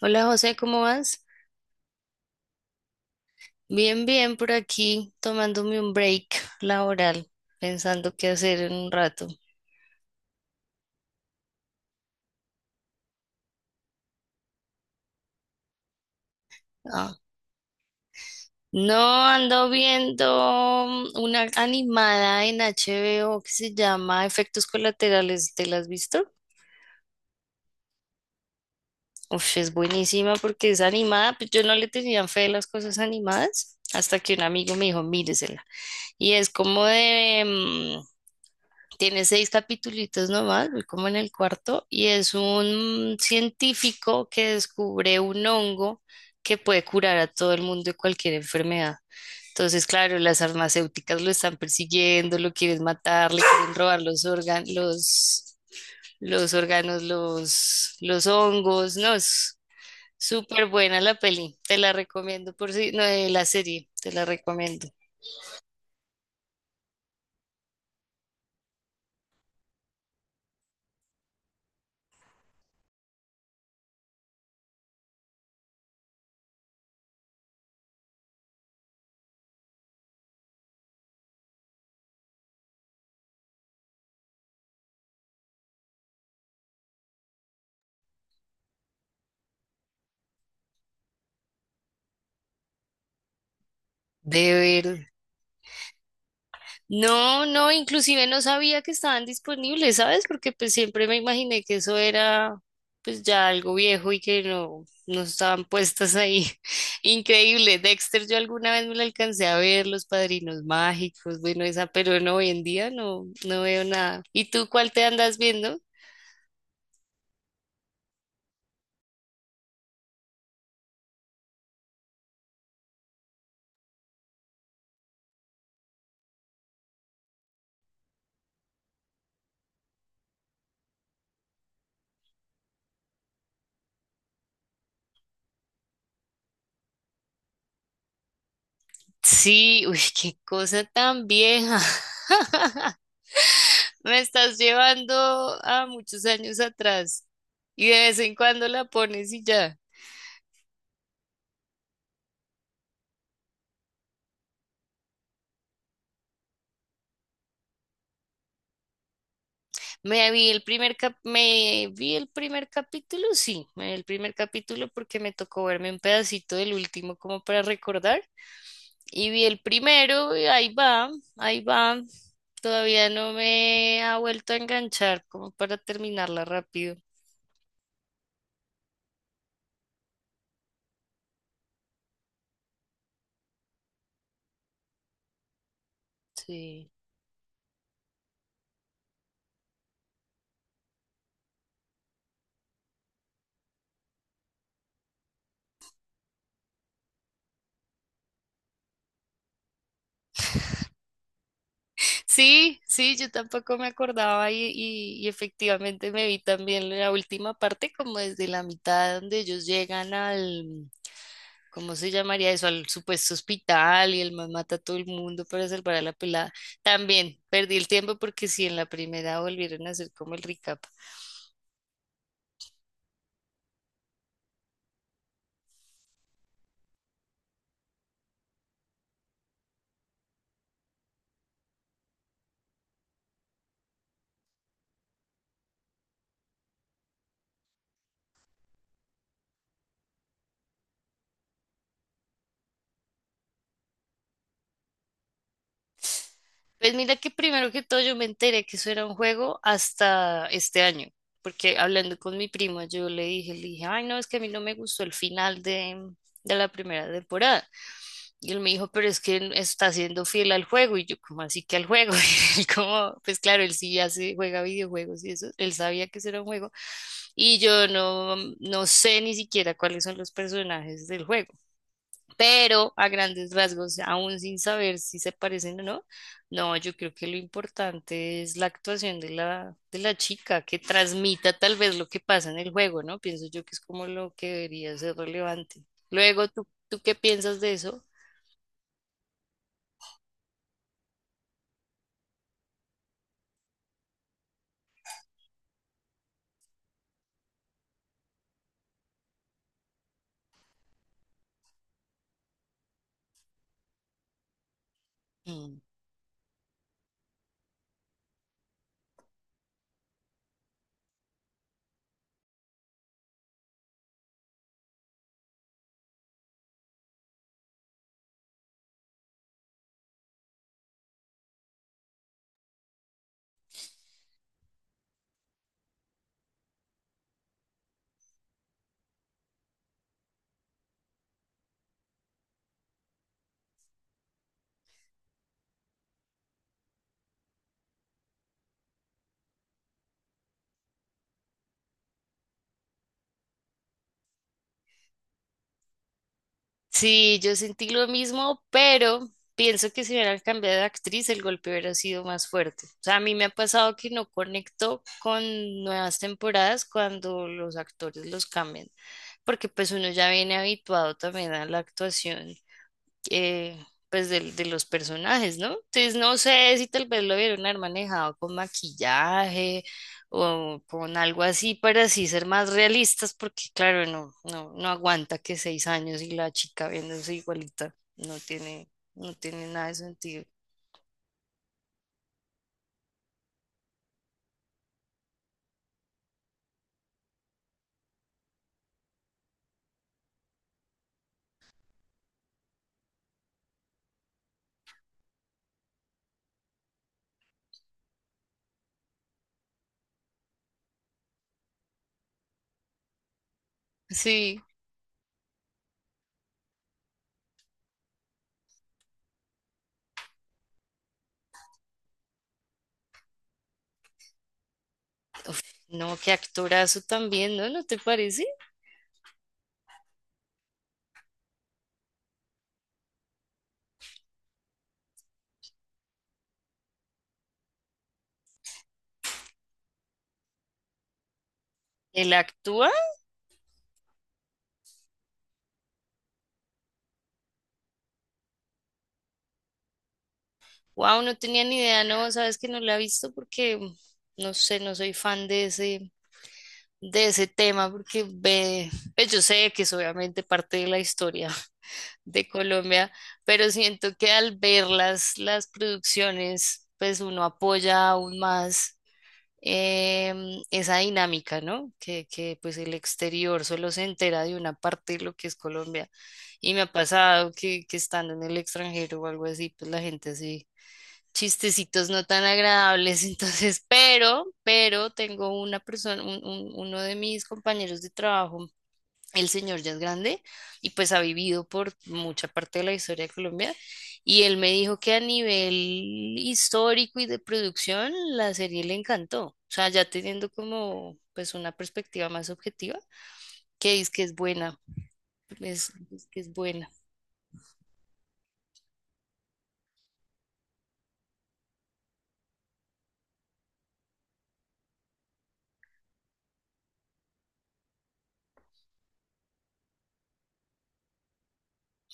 Hola José, ¿cómo vas? Bien, bien, por aquí tomándome un break laboral, pensando qué hacer en un rato. Ah, no, ando viendo, una animada en HBO que se llama Efectos Colaterales, ¿te la has visto? Uf, es buenísima porque es animada, pues yo no le tenía fe a las cosas animadas hasta que un amigo me dijo, míresela. Y es como de, tiene seis capítulos nomás, voy como en el cuarto, y es un científico que descubre un hongo que puede curar a todo el mundo de cualquier enfermedad. Entonces, claro, las farmacéuticas lo están persiguiendo, lo quieren matar, le quieren robar los órganos, los órganos, los hongos, no, es súper buena la peli, te la recomiendo por si, no, la serie, te la recomiendo. De ver, no, no, inclusive no sabía que estaban disponibles, ¿sabes? Porque pues siempre me imaginé que eso era pues ya algo viejo y que no, no estaban puestas ahí. Increíble, Dexter, yo alguna vez me lo alcancé a ver, Los Padrinos Mágicos, bueno, esa, pero no, hoy en día no, no veo nada. ¿Y tú cuál te andas viendo? Sí, uy, qué cosa tan vieja. Me estás llevando a muchos años atrás y de vez en cuando la pones y ya. Me vi el primer capítulo, sí, me vi el primer capítulo porque me tocó verme un pedacito del último como para recordar. Y vi el primero y ahí va. Todavía no me ha vuelto a enganchar como para terminarla rápido. Sí. Sí, sí, yo tampoco me acordaba y efectivamente me vi también la última parte como desde la mitad donde ellos llegan al... ¿Cómo se llamaría eso? Al supuesto hospital y el man mata a todo el mundo para salvar a la pelada. También perdí el tiempo porque si en la primera volvieron a hacer como el recap. Pues mira que primero que todo yo me enteré que eso era un juego hasta este año, porque hablando con mi primo yo le dije, ay no, es que a mí no me gustó el final de la primera temporada. Y él me dijo, pero es que está siendo fiel al juego. Y yo, ¿como así que al juego? Y él como, pues claro, él sí hace, juega videojuegos y eso, él sabía que eso era un juego. Y yo no, no sé ni siquiera cuáles son los personajes del juego, pero a grandes rasgos, aún sin saber si se parecen o no, no, yo creo que lo importante es la actuación de la chica, que transmita tal vez lo que pasa en el juego, ¿no? Pienso yo que es como lo que debería ser relevante. Luego, ¿tú qué piensas de eso? Mm. Sí, yo sentí lo mismo, pero pienso que si hubieran cambiado de actriz, el golpe hubiera sido más fuerte. O sea, a mí me ha pasado que no conecto con nuevas temporadas cuando los actores los cambian. Porque pues uno ya viene habituado también a la actuación, eh, pues los personajes, ¿no? Entonces no sé si tal vez lo vieron haber manejado con maquillaje o con algo así para así ser más realistas, porque claro, no, no, no aguanta que seis años y la chica viéndose igualita, no tiene, no tiene nada de sentido. Sí, no, qué actorazo también, ¿no? ¿No te parece? Él actúa... Wow, no tenía ni idea, no, sabes que no la he visto porque no sé, no soy fan de ese tema, porque ve, pues yo sé que es obviamente parte de la historia de Colombia, pero siento que al ver las producciones, pues uno apoya aún más, esa dinámica, ¿no? Que pues el exterior solo se entera de una parte de lo que es Colombia. Y me ha pasado que estando en el extranjero o algo así, pues la gente sí chistecitos no tan agradables, entonces, pero tengo una persona, uno de mis compañeros de trabajo, el señor ya es grande y pues ha vivido por mucha parte de la historia de Colombia y él me dijo que a nivel histórico y de producción la serie le encantó, o sea, ya teniendo como pues una perspectiva más objetiva, que dice que es buena, es que es buena.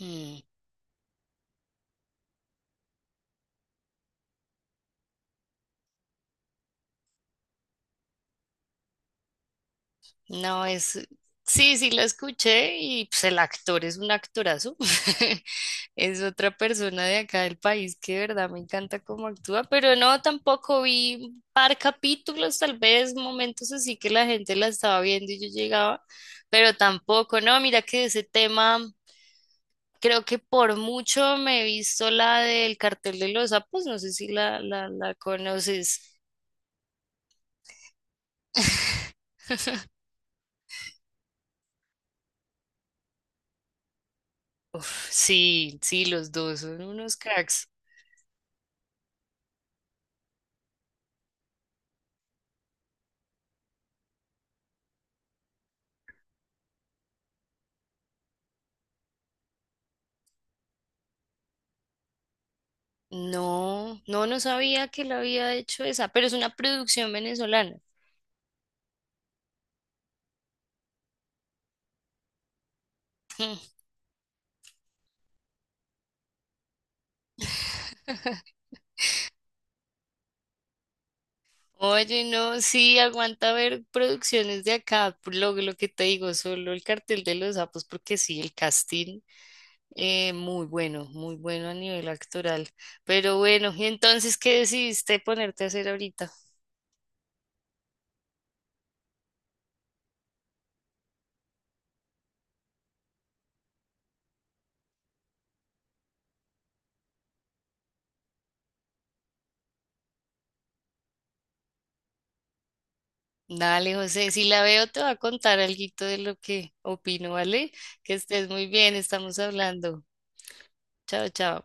Mm. No, es, sí, sí lo escuché y pues el actor es un actorazo. Es otra persona de acá del país que de verdad me encanta cómo actúa, pero no, tampoco vi un par capítulos, tal vez momentos así que la gente la estaba viendo y yo llegaba, pero tampoco, no, mira que ese tema, creo que por mucho me he visto la del cartel de los sapos, no sé si la conoces. Uf, sí, sí, los dos son unos cracks. No, no, no sabía que la había hecho esa, pero es una producción venezolana. Hmm. Oye, no, sí, aguanta ver producciones de acá, por lo que te digo, solo el cartel de los sapos, porque sí, el casting, muy bueno, muy bueno a nivel actoral. Pero bueno, ¿y entonces qué decidiste ponerte a hacer ahorita? Dale, José, si la veo te va a contar alguito de lo que opino, ¿vale? Que estés muy bien, estamos hablando. Chao, chao.